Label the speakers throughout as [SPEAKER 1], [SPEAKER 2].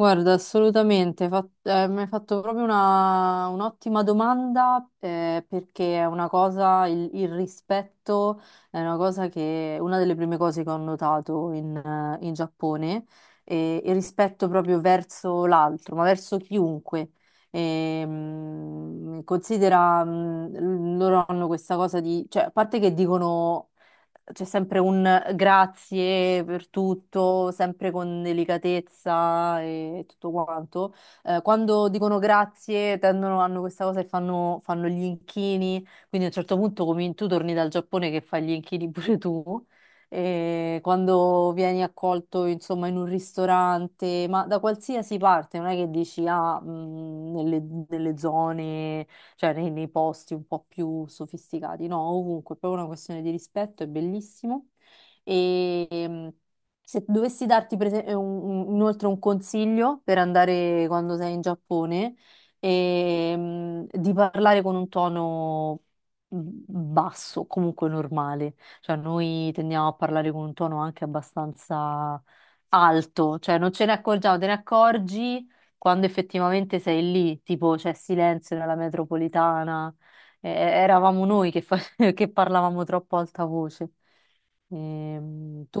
[SPEAKER 1] Guarda, assolutamente, mi hai fatto proprio un'ottima domanda, perché è una cosa, il rispetto è una cosa che, una delle prime cose che ho notato in Giappone, e il rispetto proprio verso l'altro, ma verso chiunque. E, considera, loro hanno questa cosa di, cioè, a parte che dicono c'è sempre un grazie per tutto, sempre con delicatezza e tutto quanto. Quando dicono grazie, hanno questa cosa e fanno gli inchini, quindi a un certo punto tu torni dal Giappone che fai gli inchini pure tu. E quando vieni accolto, insomma, in un ristorante, ma da qualsiasi parte, non è che dici, ah, nelle zone cioè nei posti un po' più sofisticati, no, ovunque, è proprio una questione di rispetto, è bellissimo. E ehm, Se dovessi darti per esempio, inoltre un consiglio per andare quando sei in Giappone, di parlare con un tono mhmm, basso, comunque normale. Cioè, noi tendiamo a parlare con un tono anche abbastanza alto, cioè non ce ne accorgiamo, te ne accorgi quando effettivamente sei lì, tipo c'è silenzio nella metropolitana, eravamo noi che parlavamo troppo a alta voce. Tu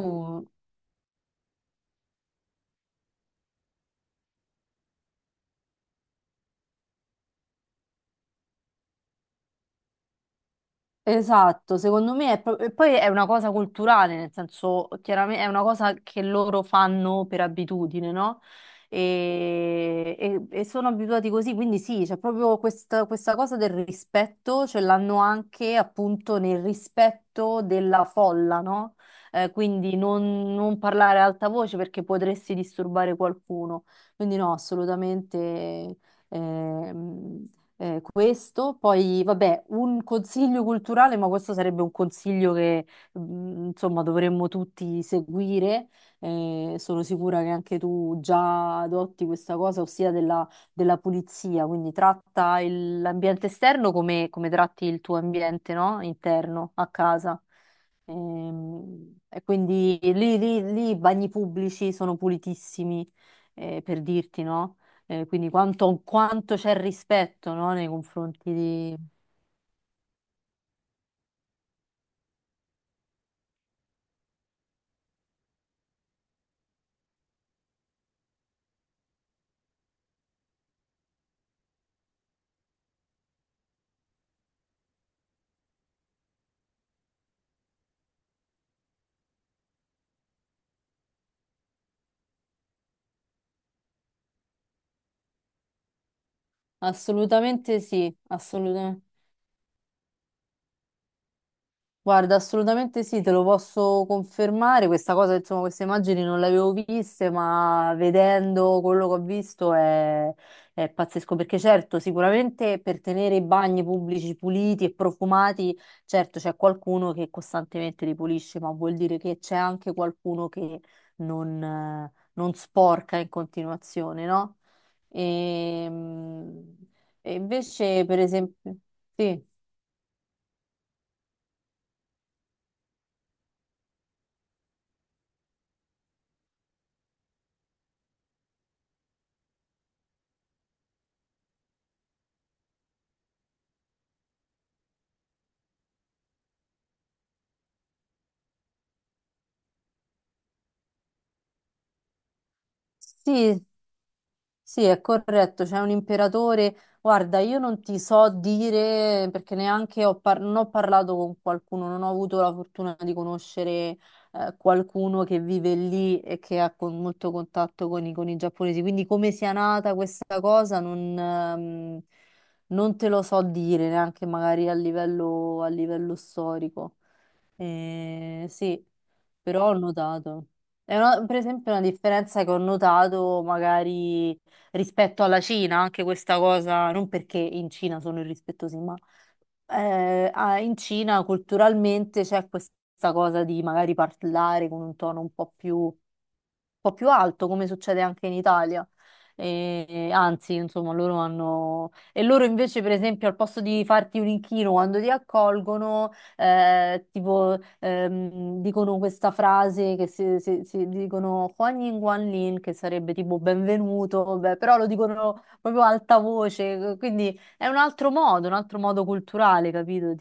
[SPEAKER 1] esatto, secondo me è e poi è una cosa culturale, nel senso, chiaramente è una cosa che loro fanno per abitudine, no? E sono abituati così, quindi sì, c'è proprio questa cosa del rispetto, ce l'hanno anche appunto nel rispetto della folla, no? Quindi non parlare ad alta voce perché potresti disturbare qualcuno. Quindi no, assolutamente. Ehm, Questo, poi vabbè, un consiglio culturale, ma questo sarebbe un consiglio che insomma dovremmo tutti seguire. Sono sicura che anche tu già adotti questa cosa, ossia della, della pulizia, quindi tratta l'ambiente esterno come, come tratti il tuo ambiente, no? Interno a casa. E quindi lì, lì i bagni pubblici sono pulitissimi, per dirti, no? Quindi quanto, quanto c'è rispetto, no, nei confronti di... Assolutamente sì, assolutamente. Guarda, assolutamente sì, te lo posso confermare. Questa cosa, insomma, queste immagini non le avevo viste, ma vedendo quello che ho visto è pazzesco. Perché certo, sicuramente per tenere i bagni pubblici puliti e profumati, certo c'è qualcuno che costantemente li pulisce, ma vuol dire che c'è anche qualcuno che non sporca in continuazione, no? E, invece, per esempio, sì. Sì, sì, è corretto, c'è un imperatore. Guarda, io non ti so dire perché neanche ho, non ho parlato con qualcuno, non ho avuto la fortuna di conoscere qualcuno che vive lì e che ha molto contatto con i giapponesi. Quindi come sia nata questa cosa non te lo so dire neanche magari a livello storico. Sì, però ho notato. Per esempio una differenza che ho notato magari rispetto alla Cina, anche questa cosa, non perché in Cina sono irrispettosi, ma in Cina culturalmente c'è questa cosa di magari parlare con un tono un po' più alto, come succede anche in Italia. E anzi, insomma, loro hanno... E loro invece, per esempio, al posto di farti un inchino quando ti accolgono, tipo, dicono questa frase che si dicono Huan Yin Guan Lin, che sarebbe tipo benvenuto, beh, però lo dicono proprio a alta voce, quindi è un altro modo culturale, capito?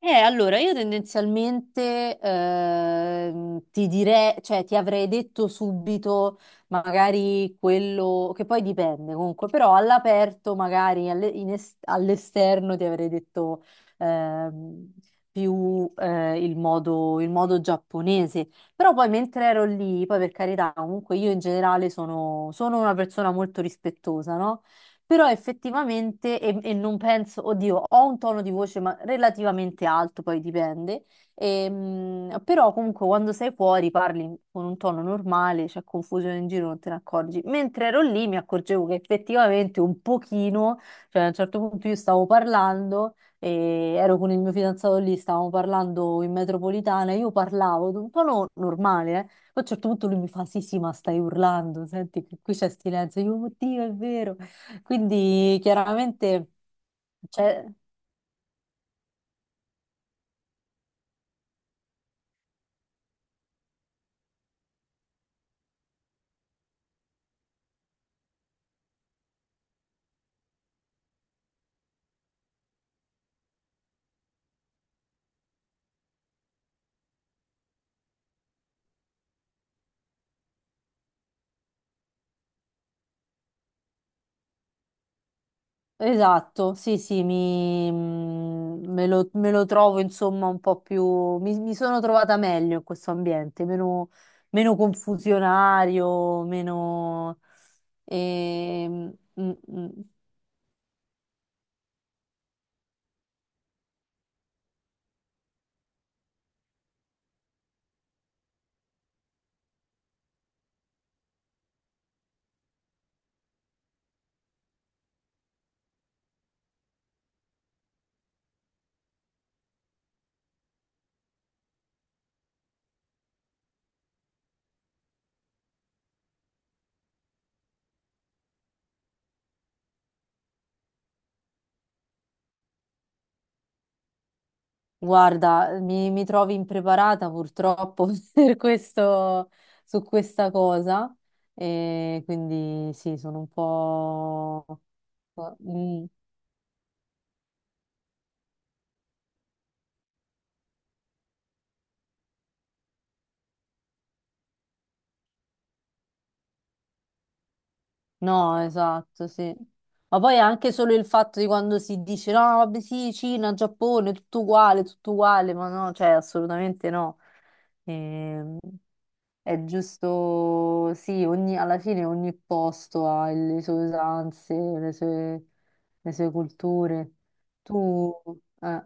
[SPEAKER 1] Allora, io tendenzialmente ti direi, cioè ti avrei detto subito magari quello che poi dipende comunque, però all'aperto magari all'esterno ti avrei detto ehm, più il modo giapponese, però poi mentre ero lì, poi per carità, comunque io in generale sono, sono una persona molto rispettosa, no? Però effettivamente, e non penso, oddio, ho un tono di voce ma relativamente alto, poi dipende, però comunque quando sei fuori parli con un tono normale, c'è confusione in giro, non te ne accorgi. Mentre ero lì mi accorgevo che effettivamente un pochino, cioè a un certo punto io stavo parlando e ero con il mio fidanzato lì, stavamo parlando in metropolitana, io parlavo di un tono normale, eh. Poi a un certo punto lui mi fa: sì, sì, ma stai urlando, senti che qui c'è silenzio. Io, oddio, è vero. Quindi chiaramente, cioè, esatto, sì, sì, mi, mm, me lo trovo insomma un po' più, mi sono trovata meglio in questo ambiente, meno, meno confusionario, meno... ehm, mm, mm. Guarda, mi trovi impreparata purtroppo per questo, su questa cosa, e quindi sì, sono un po'... Mm. No, esatto, sì. Ma poi anche solo il fatto di quando si dice no, vabbè sì, Cina, Giappone, tutto uguale, ma no, cioè assolutamente no. Ehm, è giusto, sì, alla fine ogni posto ha le sue usanze, le sue culture. Tu, eh.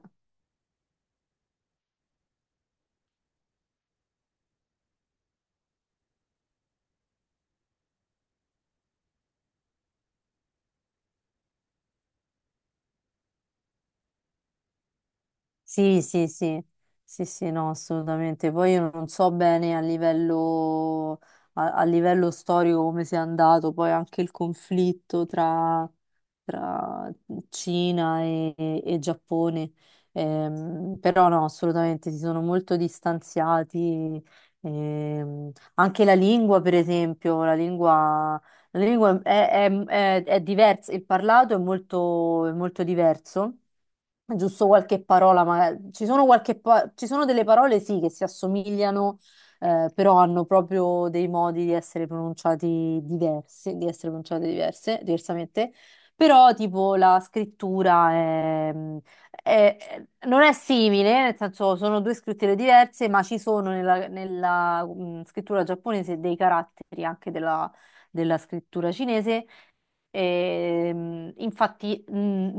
[SPEAKER 1] Sì, sì, sì, sì, sì, no, assolutamente. Poi io non so bene a livello, a livello storico come sia andato, poi anche il conflitto tra Cina e Giappone. Però no, assolutamente si sono molto distanziati. Ehm, Anche la lingua, per esempio, la lingua è, è diversa, il parlato è molto diverso giusto qualche parola, ma ci sono, ci sono delle parole sì che si assomigliano, però hanno proprio dei modi di essere pronunciati diversi, di essere pronunciate diverse, diversamente. Però tipo la scrittura non è simile, nel senso sono due scritture diverse, ma ci sono nella, nella, scrittura giapponese dei caratteri anche della della scrittura cinese. Infatti,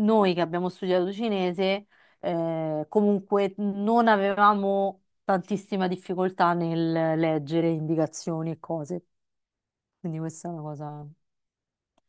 [SPEAKER 1] noi che abbiamo studiato cinese, comunque non avevamo tantissima difficoltà nel leggere indicazioni e cose. Quindi questa è una cosa.